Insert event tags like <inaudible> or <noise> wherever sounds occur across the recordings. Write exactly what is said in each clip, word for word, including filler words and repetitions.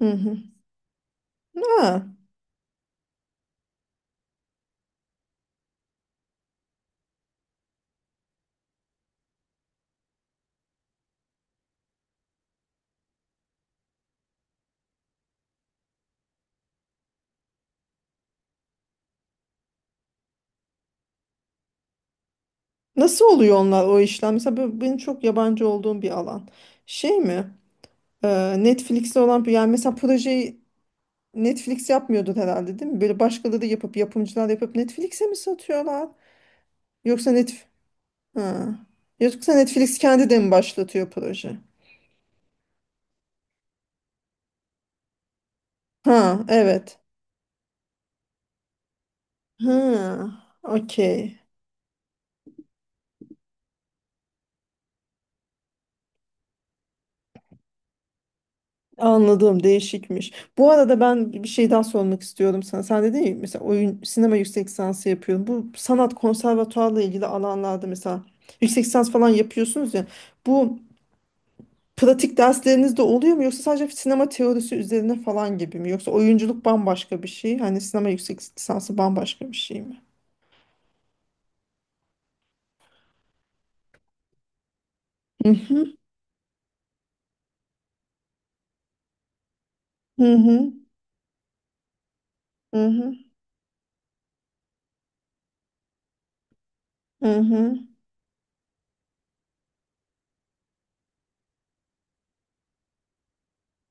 Hı hı. Ha, nasıl oluyor onlar o işlem? Mesela bu- benim çok yabancı olduğum bir alan. Şey mi? Ee, Netflix'te olan bir yani mesela projeyi Netflix yapmıyordu herhalde değil mi? Böyle başkaları yapıp yapımcılar yapıp Netflix'e mi satıyorlar? Yoksa Netf ha. Yoksa Netflix kendi de mi başlatıyor proje? Ha, evet. Ha, okey. Anladım, değişikmiş. Bu arada ben bir şey daha sormak istiyordum sana. Sen dedin ya mesela oyun sinema yüksek lisansı yapıyorum. Bu sanat konservatuarla ilgili alanlarda mesela yüksek lisans falan yapıyorsunuz ya. Bu pratik dersleriniz de oluyor mu yoksa sadece sinema teorisi üzerine falan gibi mi? Yoksa oyunculuk bambaşka bir şey, hani sinema yüksek lisansı bambaşka bir şey mi? Hı hı hı hı hı hı hı.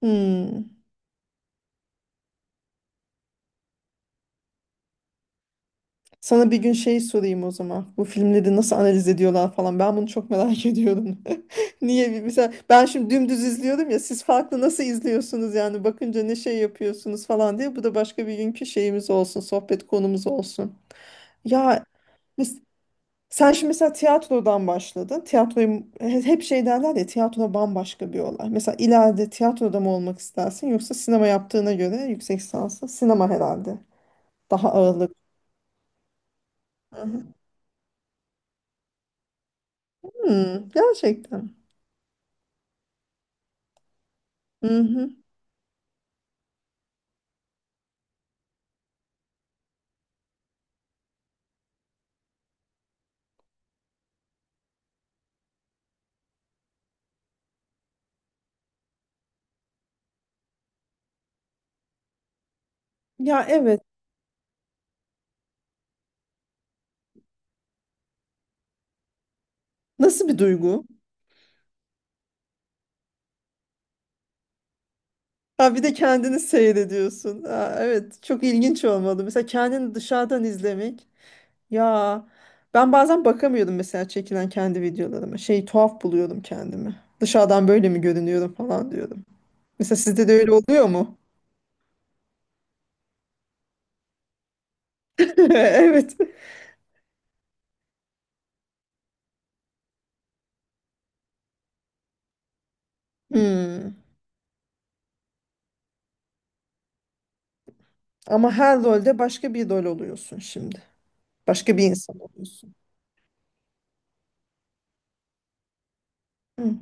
Hı. Sana bir gün şey sorayım o zaman. Bu filmleri nasıl analiz ediyorlar falan. Ben bunu çok merak <laughs> ediyorum. <laughs> Niye bir mesela ben şimdi dümdüz izliyorum ya siz farklı nasıl izliyorsunuz yani bakınca ne şey yapıyorsunuz falan diye. Bu da başka bir günkü şeyimiz olsun, sohbet konumuz olsun. Ya mes- sen şimdi mesela tiyatrodan başladın. Tiyatroyu he- hep şey derler ya tiyatro bambaşka bir olay. Mesela ileride tiyatroda mı olmak istersin yoksa sinema yaptığına göre yüksek lisansı sinema herhalde. Daha ağırlık. Hı hı. Hmm, gerçekten. Hı hı. Ya, evet. Nasıl bir duygu? Ha, bir de kendini seyrediyorsun. Ha, evet. Çok ilginç olmalı. Mesela kendini dışarıdan izlemek. Ya, ben bazen bakamıyordum mesela çekilen kendi videolarıma. Şey, tuhaf buluyordum kendimi. Dışarıdan böyle mi görünüyorum falan diyordum. Mesela sizde de öyle oluyor mu? <laughs> Evet. Hmm. Ama her rolde başka bir rol oluyorsun şimdi. Başka bir insan oluyorsun. Hı.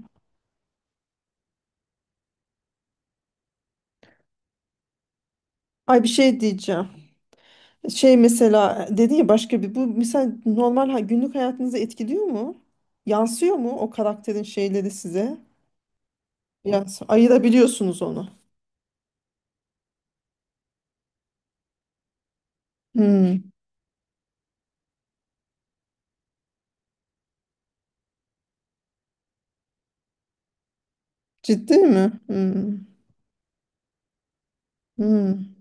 Ay, bir şey diyeceğim. Şey mesela dedi ya başka bir bu mesela normal ha- günlük hayatınızı etkiliyor mu? Yansıyor mu o karakterin şeyleri size? Yansıyor. Ayırabiliyorsunuz onu. Hmm. Ciddi mi? Hmm. Hmm.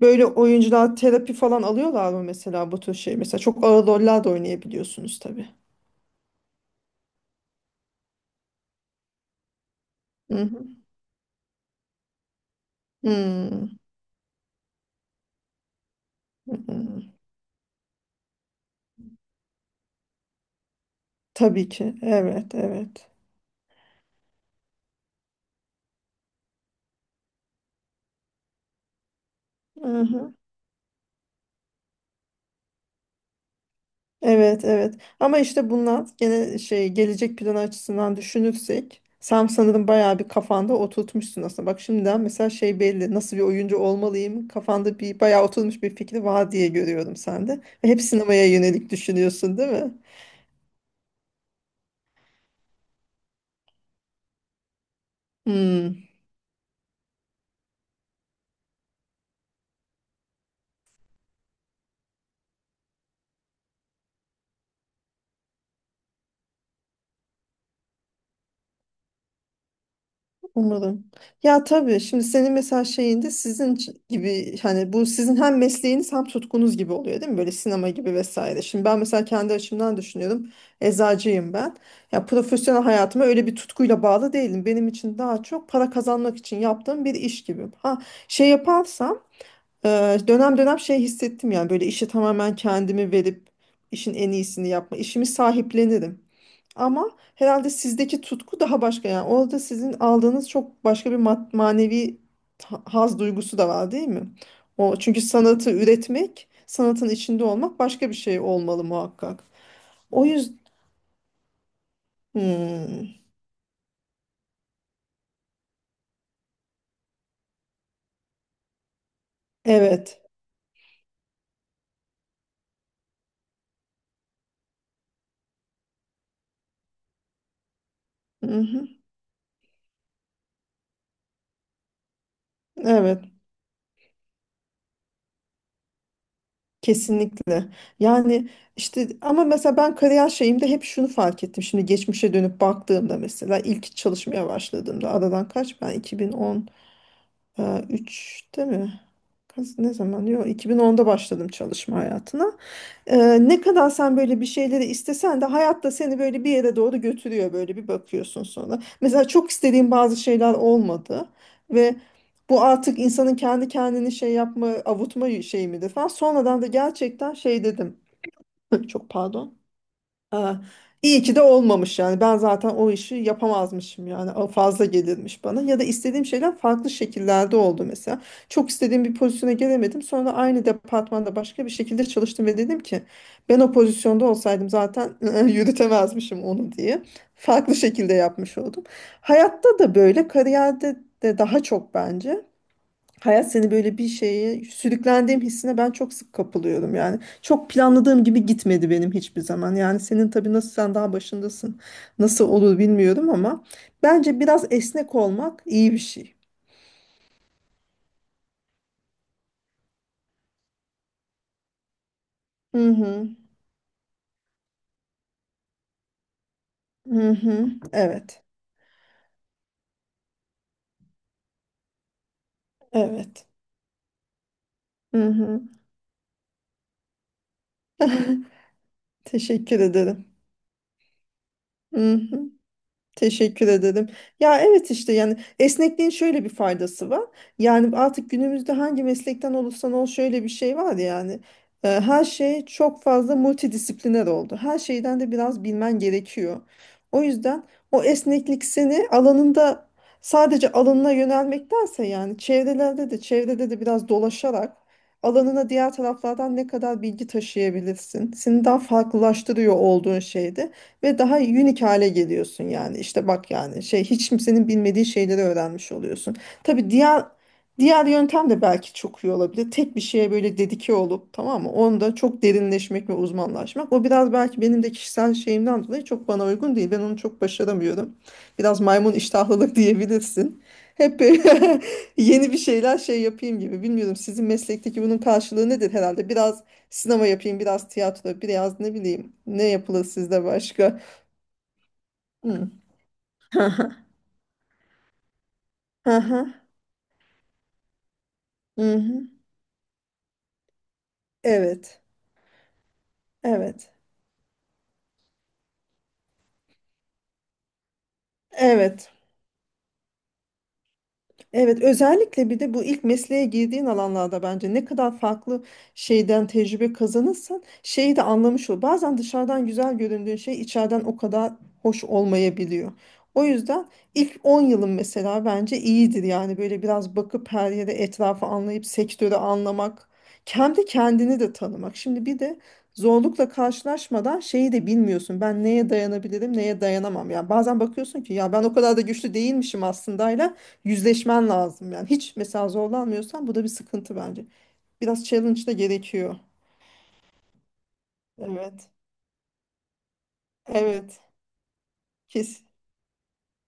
Böyle oyuncular terapi falan alıyorlar mı mesela bu tür şey? Mesela çok ağır roller de oynayabiliyorsunuz tabii. Hı hı. Hmm. Hı hı. Tabii ki. Evet, evet. Evet, evet. Ama işte bunlar gene şey gelecek planı açısından düşünürsek sen sanırım bayağı bir kafanda oturtmuşsun aslında. Bak şimdiden mesela şey belli nasıl bir oyuncu olmalıyım kafanda bir bayağı oturmuş bir fikri var diye görüyorum sende. Ve hep sinemaya yönelik düşünüyorsun değil mi? Hmm. Umarım. Ya tabii şimdi senin mesela şeyinde sizin ç- gibi hani bu sizin hem mesleğiniz hem tutkunuz gibi oluyor değil mi? Böyle sinema gibi vesaire. Şimdi ben mesela kendi açımdan düşünüyorum. Eczacıyım ben. Ya profesyonel hayatıma öyle bir tutkuyla bağlı değilim. Benim için daha çok para kazanmak için yaptığım bir iş gibi. Ha şey yaparsam e, dönem dönem şey hissettim yani böyle işe tamamen kendimi verip işin en iyisini yapma. İşimi sahiplenirim. Ama herhalde sizdeki tutku daha başka yani. Orada sizin aldığınız çok başka bir ma- manevi ta- haz duygusu da var değil mi? O çünkü sanatı üretmek, sanatın içinde olmak başka bir şey olmalı muhakkak. O yüzden evet. Mhm. Evet. Kesinlikle. Yani işte ama mesela ben kariyer şeyimde hep şunu fark ettim. Şimdi geçmişe dönüp baktığımda mesela ilk çalışmaya başladığımda aradan kaç ben iki bin on Ee, Üçte mi? Kaz- Ne zaman? Yok, iki bin onda başladım çalışma hayatına. Ee, ne kadar sen böyle bir şeyleri istesen de hayatta seni böyle bir yere doğru götürüyor böyle bir bakıyorsun sonra. Mesela çok istediğim bazı şeyler olmadı ve bu artık insanın kendi kendini şey yapma, avutma şeyi midir falan. Sonradan da gerçekten şey dedim. <clears throat> <laughs> Çok pardon. Aa, iyi ki de olmamış yani. Ben zaten o işi yapamazmışım yani. O fazla gelirmiş bana. Ya da istediğim şeyler farklı şekillerde oldu mesela. Çok istediğim bir pozisyona gelemedim. Sonra aynı departmanda başka bir şekilde çalıştım ve dedim ki ben o pozisyonda olsaydım zaten <laughs> yürütemezmişim onu diye. Farklı şekilde yapmış oldum. Hayatta da böyle, kariyerde de daha çok bence. Hayat seni böyle bir şeye sürüklendiğim hissine ben çok sık kapılıyorum yani. Çok planladığım gibi gitmedi benim hiçbir zaman. Yani senin tabii nasıl sen daha başındasın. Nasıl olur bilmiyorum ama bence biraz esnek olmak iyi bir şey. Hı hı. Hı hı. Evet. Evet. Hı hı. <laughs> Teşekkür ederim. Hı hı. Teşekkür ederim. Ya evet işte yani esnekliğin şöyle bir faydası var. Yani artık günümüzde hangi meslekten olursan ol şöyle bir şey var yani. e, Her şey çok fazla multidisipliner oldu. Her şeyden de biraz bilmen gerekiyor. O yüzden o esneklik seni alanında sadece alanına yönelmektense yani çevrelerde de çevrede de biraz dolaşarak alanına diğer taraflardan ne kadar bilgi taşıyabilirsin. Seni daha farklılaştırıyor olduğun şeyde ve daha unique hale geliyorsun yani. İşte bak yani şey hiç kimsenin bilmediği şeyleri öğrenmiş oluyorsun. Tabii diğer diğer yöntem de belki çok iyi olabilir. Tek bir şeye böyle dedike olup tamam mı? Onda çok derinleşmek ve uzmanlaşmak. O biraz belki benim de kişisel şeyimden dolayı çok bana uygun değil. Ben onu çok başaramıyorum. Biraz maymun iştahlılık <laughs> diyebilirsin. Hep böyle <laughs> yeni bir şeyler şey yapayım gibi. Bilmiyorum sizin meslekteki bunun karşılığı nedir herhalde? Biraz sinema yapayım, biraz tiyatro, biraz ne bileyim. Ne yapılır sizde başka? Hmm. Hı. <laughs> Hı hı. Hı hı. Evet. Evet. Evet. Evet, özellikle bir de bu ilk mesleğe girdiğin alanlarda bence ne kadar farklı şeyden tecrübe kazanırsan şeyi de anlamış ol. Bazen dışarıdan güzel göründüğün şey içeriden o kadar hoş olmayabiliyor. O yüzden ilk on yılın mesela bence iyidir yani böyle biraz bakıp her yere etrafı anlayıp sektörü anlamak, kendi kendini de tanımak. Şimdi bir de zorlukla karşılaşmadan şeyi de bilmiyorsun. Ben neye dayanabilirim, neye dayanamam. Ya, bazen bakıyorsun ki ya ben o kadar da güçlü değilmişim aslında, yüzleşmen lazım yani. Hiç mesela zorlanmıyorsan bu da bir sıkıntı bence. Biraz challenge da gerekiyor. Evet. Evet. Kes,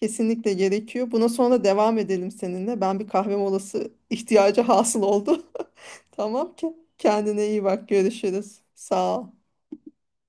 kesinlikle gerekiyor. Buna sonra devam edelim seninle. Ben bir kahve molası ihtiyacı hasıl oldu. <laughs> Tamam ki. Kendine iyi bak. Görüşürüz. Sağ ol.